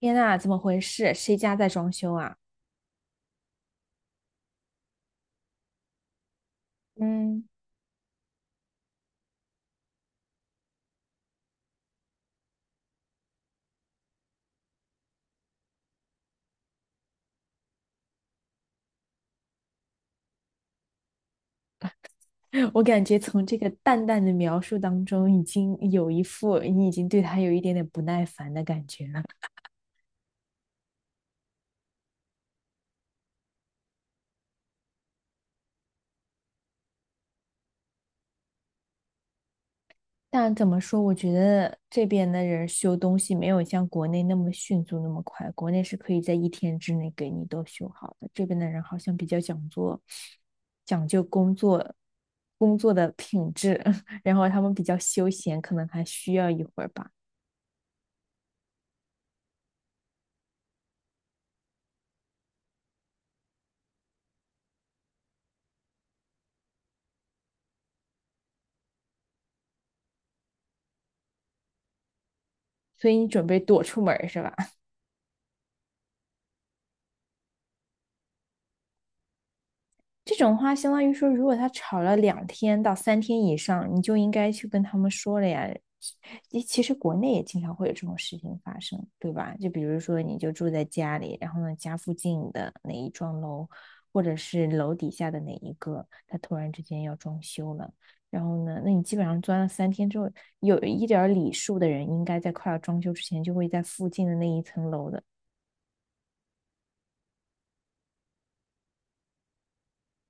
天呐，怎么回事？谁家在装修啊？嗯。我感觉从这个淡淡的描述当中，已经有一副你已经对他有一点点不耐烦的感觉了。但怎么说，我觉得这边的人修东西没有像国内那么迅速、那么快。国内是可以在一天之内给你都修好的，这边的人好像比较讲究，讲究工作的品质，然后他们比较休闲，可能还需要一会儿吧。所以你准备躲出门儿是吧？这种话相当于说，如果他吵了两天到三天以上，你就应该去跟他们说了呀。其实国内也经常会有这种事情发生，对吧？就比如说，你就住在家里，然后呢，家附近的哪一幢楼，或者是楼底下的哪一个，他突然之间要装修了，然后呢，那你基本上钻了三天之后，有一点儿礼数的人，应该在快要装修之前，就会在附近的那一层楼的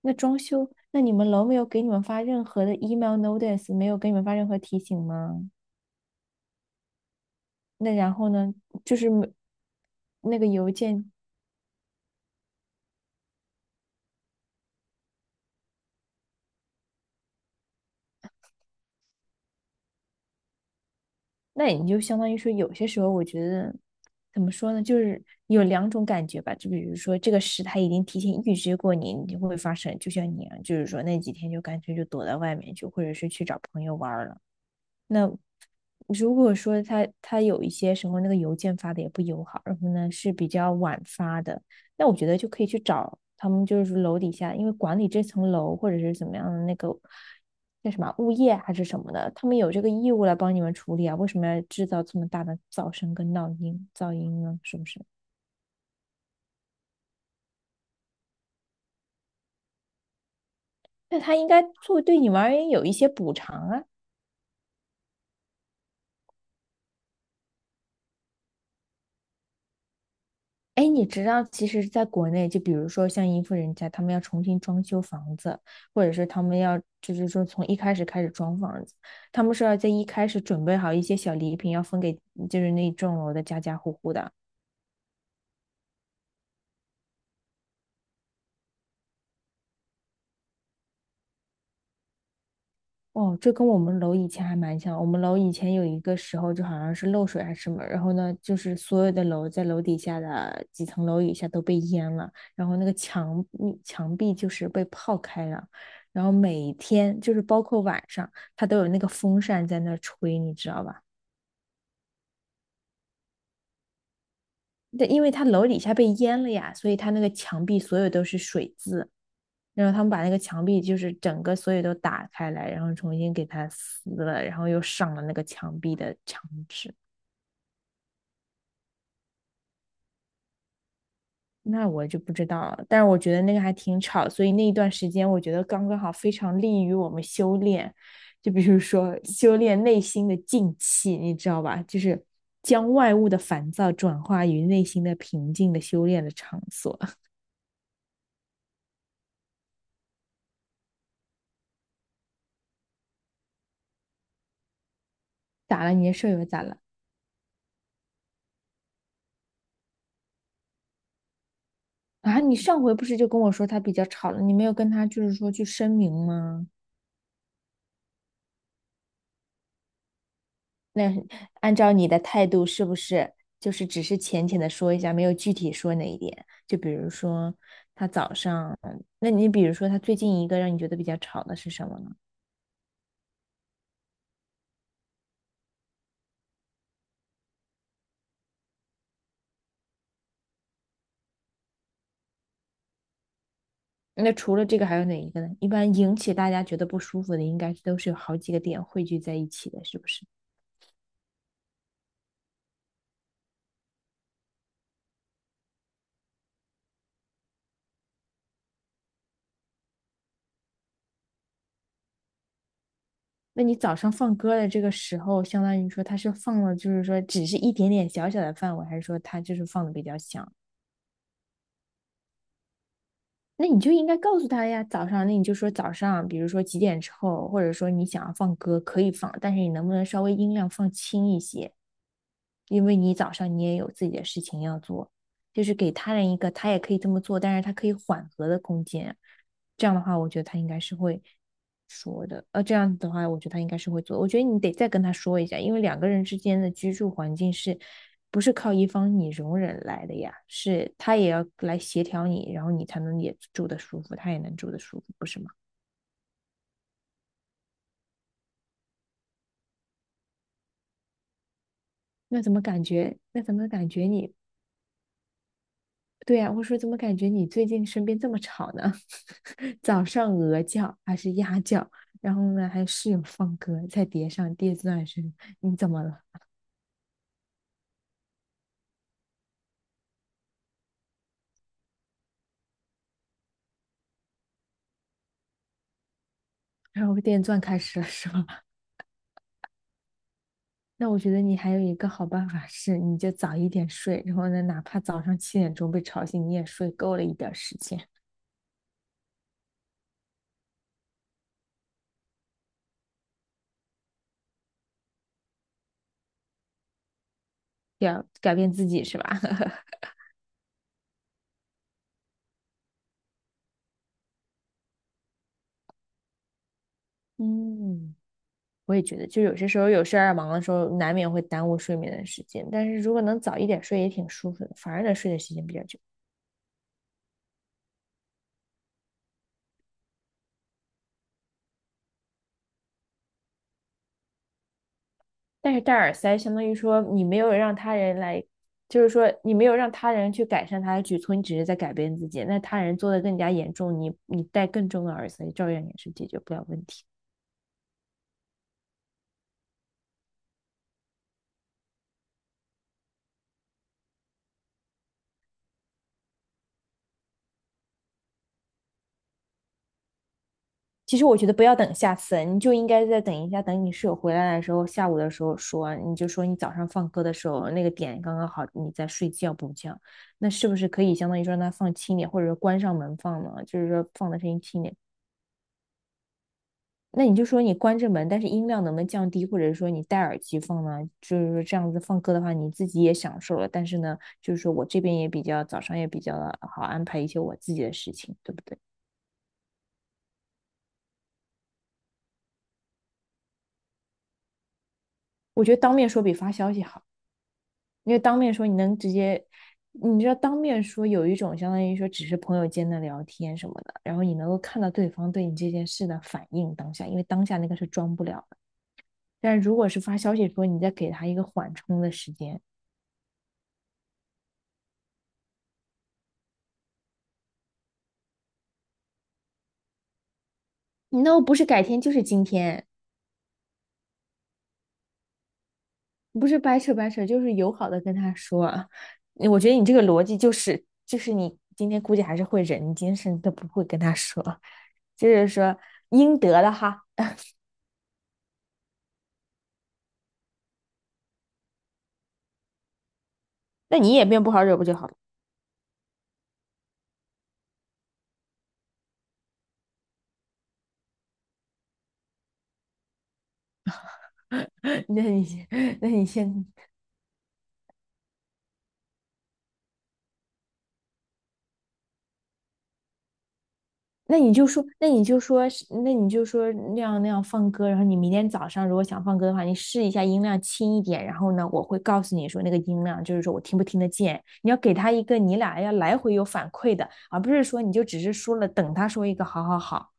那装修，那你们楼没有给你们发任何的 email notice，没有给你们发任何提醒吗？那然后呢，就是没那个邮件，那你就相当于说，有些时候我觉得怎么说呢，就是有两种感觉吧。就比如说这个事他已经提前预知过你，你就会发生，就像你啊，就是说那几天就干脆就躲在外面去，或者是去找朋友玩儿了。那如果说他有一些时候那个邮件发的也不友好，然后呢是比较晚发的，那我觉得就可以去找他们，就是楼底下，因为管理这层楼或者是怎么样的那个那什么物业还是什么的，他们有这个义务来帮你们处理啊，为什么要制造这么大的噪声跟闹音噪音呢？是不是？那他应该做对你们而言有一些补偿啊。哎，你知道，其实在国内，就比如说像一户人家，他们要重新装修房子，或者是他们要就是说从一开始装房子，他们是要在一开始准备好一些小礼品，要分给就是那一幢楼的家家户户的。哦，这跟我们楼以前还蛮像。我们楼以前有一个时候，就好像是漏水还是什么，然后呢，就是所有的楼在楼底下的几层楼以下都被淹了，然后那个墙墙壁就是被泡开了，然后每天就是包括晚上，它都有那个风扇在那儿吹，你知道吧？对，因为它楼底下被淹了呀，所以它那个墙壁所有都是水渍，然后他们把那个墙壁就是整个所有都打开来，然后重新给它撕了，然后又上了那个墙壁的墙纸。那我就不知道了，但是我觉得那个还挺吵，所以那一段时间我觉得刚刚好非常利于我们修炼，就比如说修炼内心的静气，你知道吧？就是将外物的烦躁转化于内心的平静的修炼的场所。咋了？你的舍友咋了？啊，你上回不是就跟我说他比较吵了，你没有跟他就是说去声明吗？那按照你的态度，是不是就是只是浅浅的说一下，没有具体说哪一点？就比如说他早上，那你比如说他最近一个让你觉得比较吵的是什么呢？那除了这个还有哪一个呢？一般引起大家觉得不舒服的，应该都是有好几个点汇聚在一起的，是不是？那你早上放歌的这个时候，相当于说他是放了，就是说只是一点点小小的范围，还是说他就是放的比较响？那你就应该告诉他呀，早上，那你就说早上，比如说几点之后，或者说你想要放歌可以放，但是你能不能稍微音量放轻一些？因为你早上你也有自己的事情要做，就是给他人一个他也可以这么做，但是他可以缓和的空间，这样的话，我觉得他应该是会说的。这样的话，我觉得他应该是会做。我觉得你得再跟他说一下，因为两个人之间的居住环境是不是靠一方你容忍来的呀？是他也要来协调你，然后你才能也住得舒服，他也能住得舒服，不是吗？那怎么感觉？那怎么感觉你？对呀、我说怎么感觉你最近身边这么吵呢？早上鹅叫还是鸭叫？然后呢，还室友放歌，再叠上电钻声，你怎么了？然后电钻开始了是吧？那我觉得你还有一个好办法是，你就早一点睡，然后呢，哪怕早上七点钟被吵醒，你也睡够了一点时间，要改变自己是吧？嗯，我也觉得，就有些时候有事儿啊忙的时候，难免会耽误睡眠的时间，但是如果能早一点睡，也挺舒服的，反而能睡的时间比较久。但是戴耳塞相当于说你没有让他人来，就是说你没有让他人去改善他的举措，你只是在改变自己。那他人做的更加严重，你戴更重的耳塞，照样也是解决不了问题。其实我觉得不要等下次，你就应该再等一下，等你室友回来的时候，下午的时候说，你就说你早上放歌的时候那个点刚刚好，你在睡觉补觉，那是不是可以相当于说让他放轻点，或者说关上门放呢？就是说放的声音轻点。那你就说你关着门，但是音量能不能降低，或者说你戴耳机放呢？就是说这样子放歌的话，你自己也享受了，但是呢，就是说我这边也比较早上也比较好安排一些我自己的事情，对不对？我觉得当面说比发消息好，因为当面说你能直接，你知道当面说有一种相当于说只是朋友间的聊天什么的，然后你能够看到对方对你这件事的反应当下，因为当下那个是装不了的。但是如果是发消息说，你再给他一个缓冲的时间你那不是改天就是今天。不是掰扯掰扯，就是友好的跟他说啊。我觉得你这个逻辑就是，就是你今天估计还是会忍，你今天甚至都不会跟他说，就是说应得的哈。那你也变不好惹不就好了？那你那你先那你就说那你就说那样放歌，然后你明天早上如果想放歌的话，你试一下音量轻一点，然后呢，我会告诉你说那个音量就是说我听不听得见，你要给他一个你俩要来回有反馈的，而不是说你就只是说了等他说一个好好好，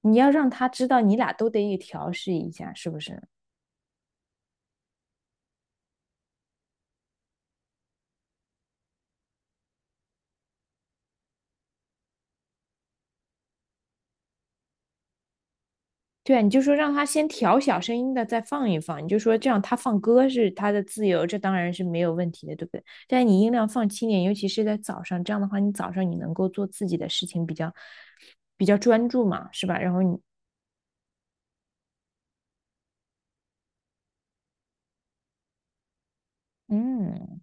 你要让他知道你俩都得调试一下，是不是？对啊，你就说让他先调小声音的，再放一放，你就说这样他放歌是他的自由，这当然是没有问题的，对不对？但是你音量放轻点，尤其是在早上，这样的话你早上你能够做自己的事情比较比较专注嘛，是吧？然后你嗯。